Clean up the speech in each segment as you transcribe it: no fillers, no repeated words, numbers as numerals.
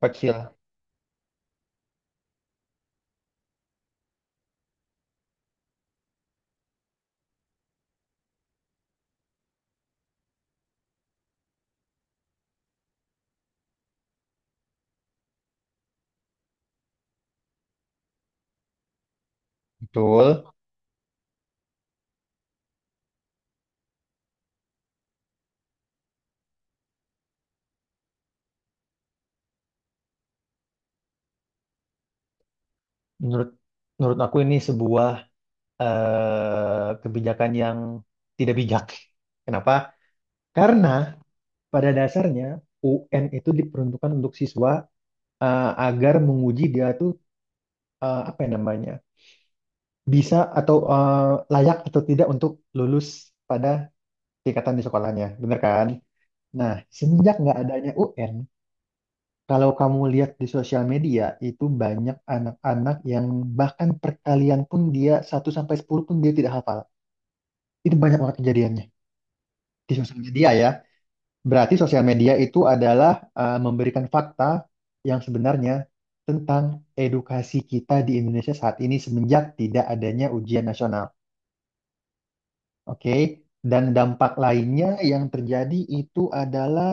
Kecil, betul. Menurut menurut aku ini sebuah kebijakan yang tidak bijak. Kenapa? Karena pada dasarnya UN itu diperuntukkan untuk siswa, agar menguji dia tuh, apa ya namanya, bisa atau layak atau tidak untuk lulus pada tingkatan di sekolahnya, bener kan? Nah, semenjak nggak adanya UN, kalau kamu lihat di sosial media, itu banyak anak-anak yang bahkan perkalian pun dia satu sampai 10 pun dia tidak hafal. Itu banyak banget kejadiannya di sosial media ya. Berarti sosial media itu adalah, memberikan fakta yang sebenarnya tentang edukasi kita di Indonesia saat ini semenjak tidak adanya ujian nasional. Oke. Dan dampak lainnya yang terjadi itu adalah,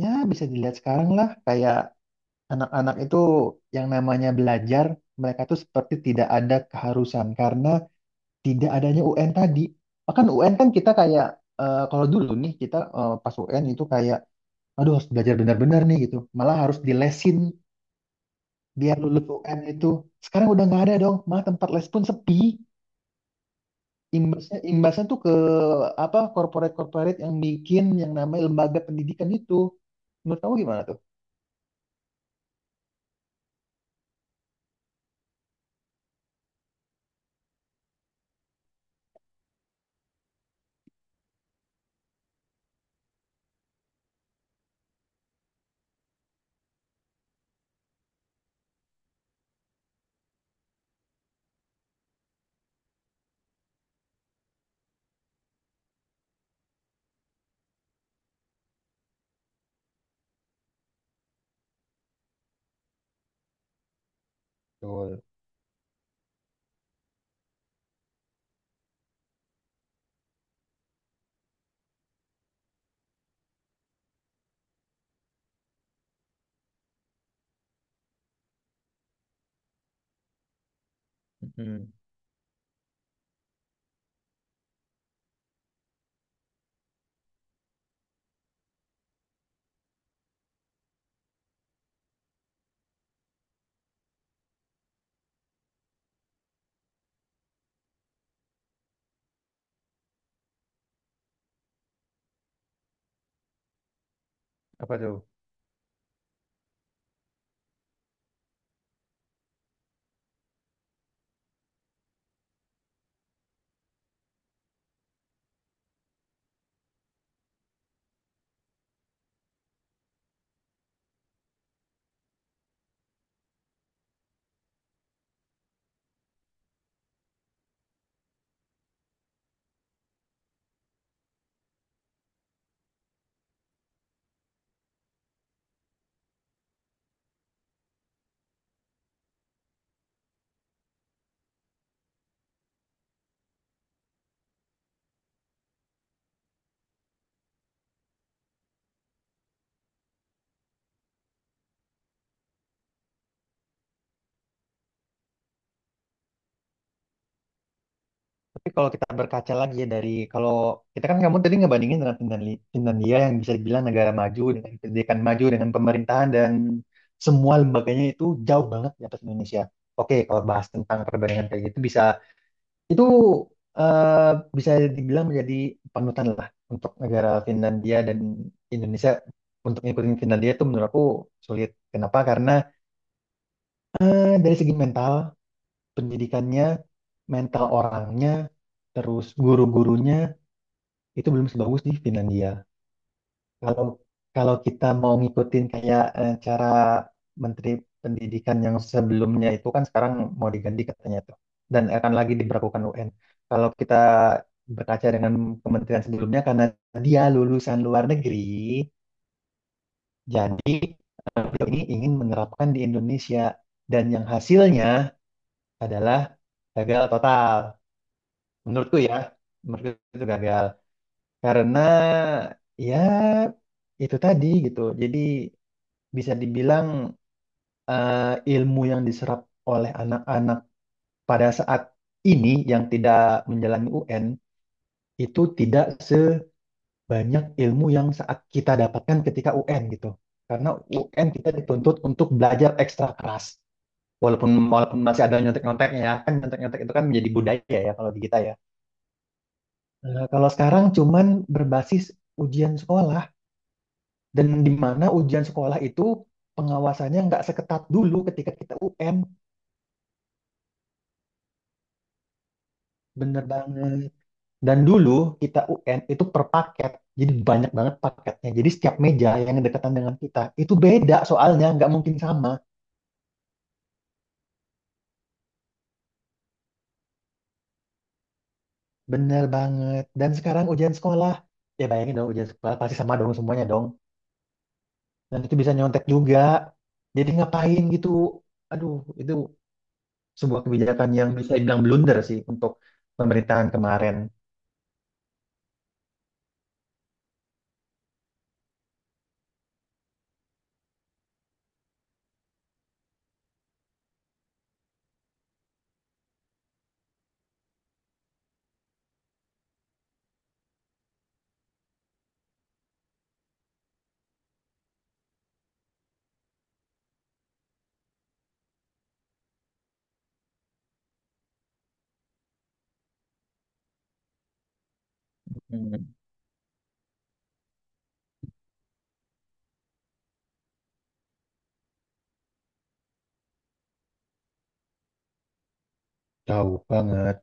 ya bisa dilihat sekarang lah kayak anak-anak itu yang namanya belajar, mereka tuh seperti tidak ada keharusan karena tidak adanya UN tadi. Bahkan UN kan kita kayak, kalau dulu nih kita, pas UN itu kayak aduh harus belajar benar-benar nih gitu. Malah harus dilesin biar lulus UN itu. Sekarang udah nggak ada dong, malah tempat les pun sepi. Imbasnya imbasnya tuh ke apa corporate-corporate yang bikin yang namanya lembaga pendidikan itu. Menurut kamu gimana tuh? Betul. Mm-mm. Apa tuh? Tapi kalau kita berkaca lagi ya, dari kalau kita kan kamu tadi ngebandingin dengan Finlandia, Finlandia yang bisa dibilang negara maju dengan pendidikan maju dengan pemerintahan dan semua lembaganya itu jauh banget di atas Indonesia. Oke, kalau bahas tentang perbandingan kayak gitu bisa itu, eh, bisa dibilang menjadi panutan lah untuk negara Finlandia, dan Indonesia untuk ngikutin Finlandia itu menurut aku sulit. Kenapa? Karena, dari segi mental, pendidikannya, mental orangnya, terus guru-gurunya itu belum sebagus di Finlandia. Kalau kalau kita mau ngikutin kayak, cara Menteri Pendidikan yang sebelumnya itu kan sekarang mau diganti katanya tuh, dan akan lagi diberlakukan UN. Kalau kita berkaca dengan kementerian sebelumnya, karena dia lulusan luar negeri, jadi beliau ini ingin menerapkan di Indonesia dan yang hasilnya adalah gagal total. Menurutku ya, menurutku itu gagal. Karena ya itu tadi gitu. Jadi bisa dibilang, eh, ilmu yang diserap oleh anak-anak pada saat ini yang tidak menjalani UN itu tidak sebanyak ilmu yang saat kita dapatkan ketika UN gitu. Karena UN kita dituntut untuk belajar ekstra keras. Walaupun walaupun masih ada nyontek-nyonteknya ya, kan nyontek-nyontek itu kan menjadi budaya ya kalau di kita ya. Kalau sekarang cuman berbasis ujian sekolah. Dan di mana ujian sekolah itu pengawasannya nggak seketat dulu ketika kita UN, bener banget. Dan dulu kita UN itu per paket, jadi banyak banget paketnya. Jadi setiap meja yang dekatan dengan kita itu beda soalnya, nggak mungkin sama. Bener banget. Dan sekarang ujian sekolah, ya bayangin dong, ujian sekolah pasti sama dong semuanya dong. Dan itu bisa nyontek juga. Jadi ngapain gitu? Aduh, itu sebuah kebijakan yang bisa dibilang blunder sih untuk pemerintahan kemarin. Hmm, jauh banget.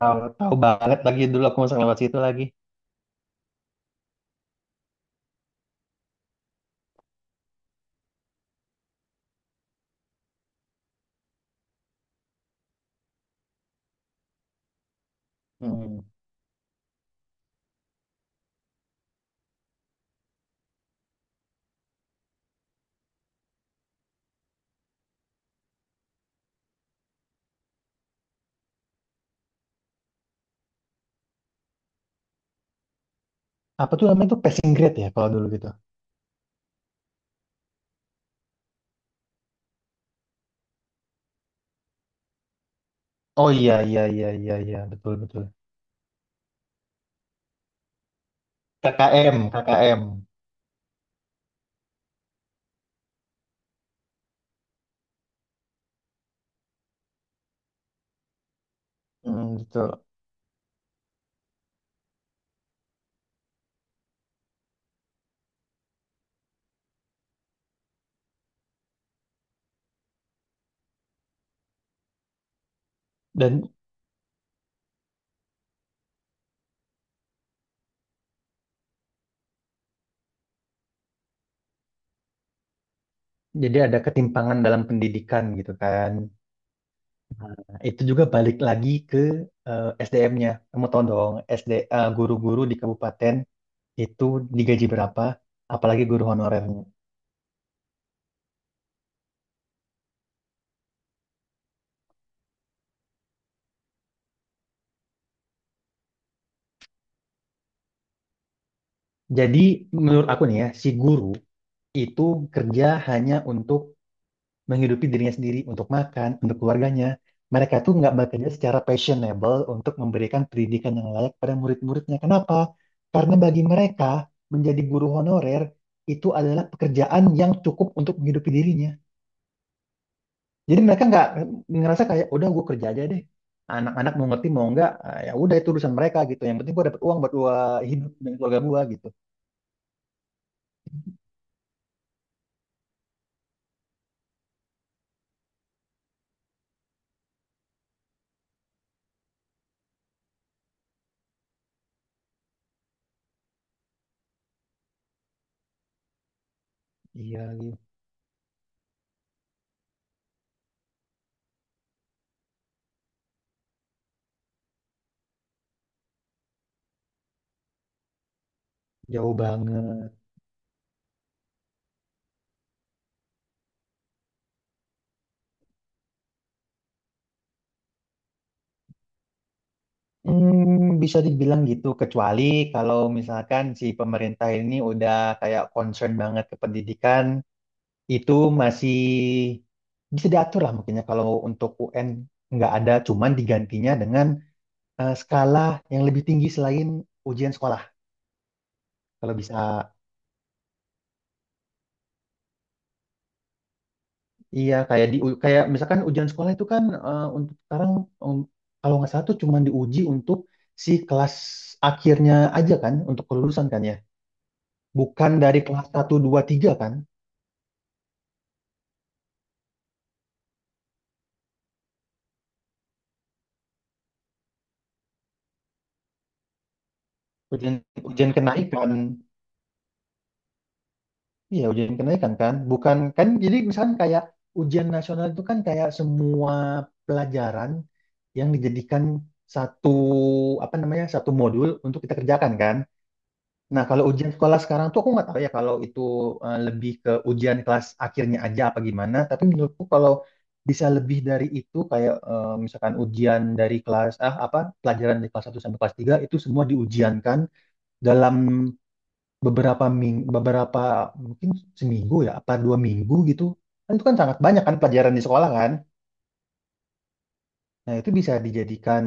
Tahu, tahu banget lagi, dulu aku masuk lewat situ lagi. Mm. Apa tuh namanya tuh, passing grade ya kalau dulu gitu. Oh iya, iya, iya, iya, iya, betul, betul. KKM, KKM. Mm, betul. Dan jadi ada ketimpangan dalam pendidikan gitu kan. Nah, itu juga balik lagi ke SDM-nya. Kamu tahu dong, SD, guru-guru di kabupaten itu digaji berapa, apalagi guru honorernya. Jadi menurut aku nih ya, si guru itu kerja hanya untuk menghidupi dirinya sendiri, untuk makan, untuk keluarganya. Mereka tuh nggak bekerja secara passionable untuk memberikan pendidikan yang layak pada murid-muridnya. Kenapa? Karena bagi mereka, menjadi guru honorer itu adalah pekerjaan yang cukup untuk menghidupi dirinya. Jadi mereka nggak ngerasa kayak, udah gue kerja aja deh. Anak-anak mau ngerti mau nggak, ah, ya udah itu urusan mereka gitu. Yang penting gue dapet uang buat gue hidup dan keluarga gue gitu. Iya, lagi jauh banget. Hmm, bisa dibilang gitu, kecuali kalau misalkan si pemerintah ini udah kayak concern banget ke pendidikan, itu masih bisa diatur lah mungkinnya, kalau untuk UN nggak ada, cuman digantinya dengan, skala yang lebih tinggi selain ujian sekolah. Kalau bisa, iya kayak di, kayak misalkan ujian sekolah itu kan, untuk sekarang, em, kalau nggak salah tuh cuman diuji untuk si kelas akhirnya aja kan, untuk kelulusan kan ya, bukan dari kelas satu 2 3 kan. Ujian ujian kenaikan. Iya, ujian kenaikan kan. Bukan, kan jadi misalkan kayak ujian nasional itu kan kayak semua pelajaran yang dijadikan satu, apa namanya? Satu modul untuk kita kerjakan kan. Nah, kalau ujian sekolah sekarang tuh aku nggak tahu ya, kalau itu lebih ke ujian kelas akhirnya aja apa gimana, tapi menurutku kalau bisa lebih dari itu, kayak misalkan ujian dari kelas, ah apa pelajaran dari kelas satu sampai kelas 3 itu semua diujiankan dalam beberapa, mungkin seminggu ya apa 2 minggu gitu kan, itu kan sangat banyak kan pelajaran di sekolah kan, nah itu bisa dijadikan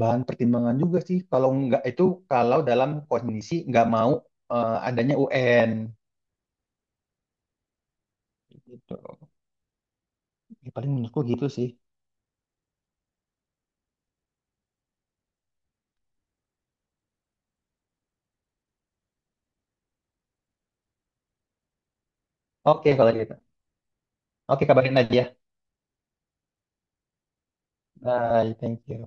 bahan pertimbangan juga sih, kalau nggak itu, kalau dalam kondisi nggak mau, adanya UN gitu. Ya, paling menurutku gitu sih. Oke kalau gitu. Oke, kabarin aja. Bye, thank you.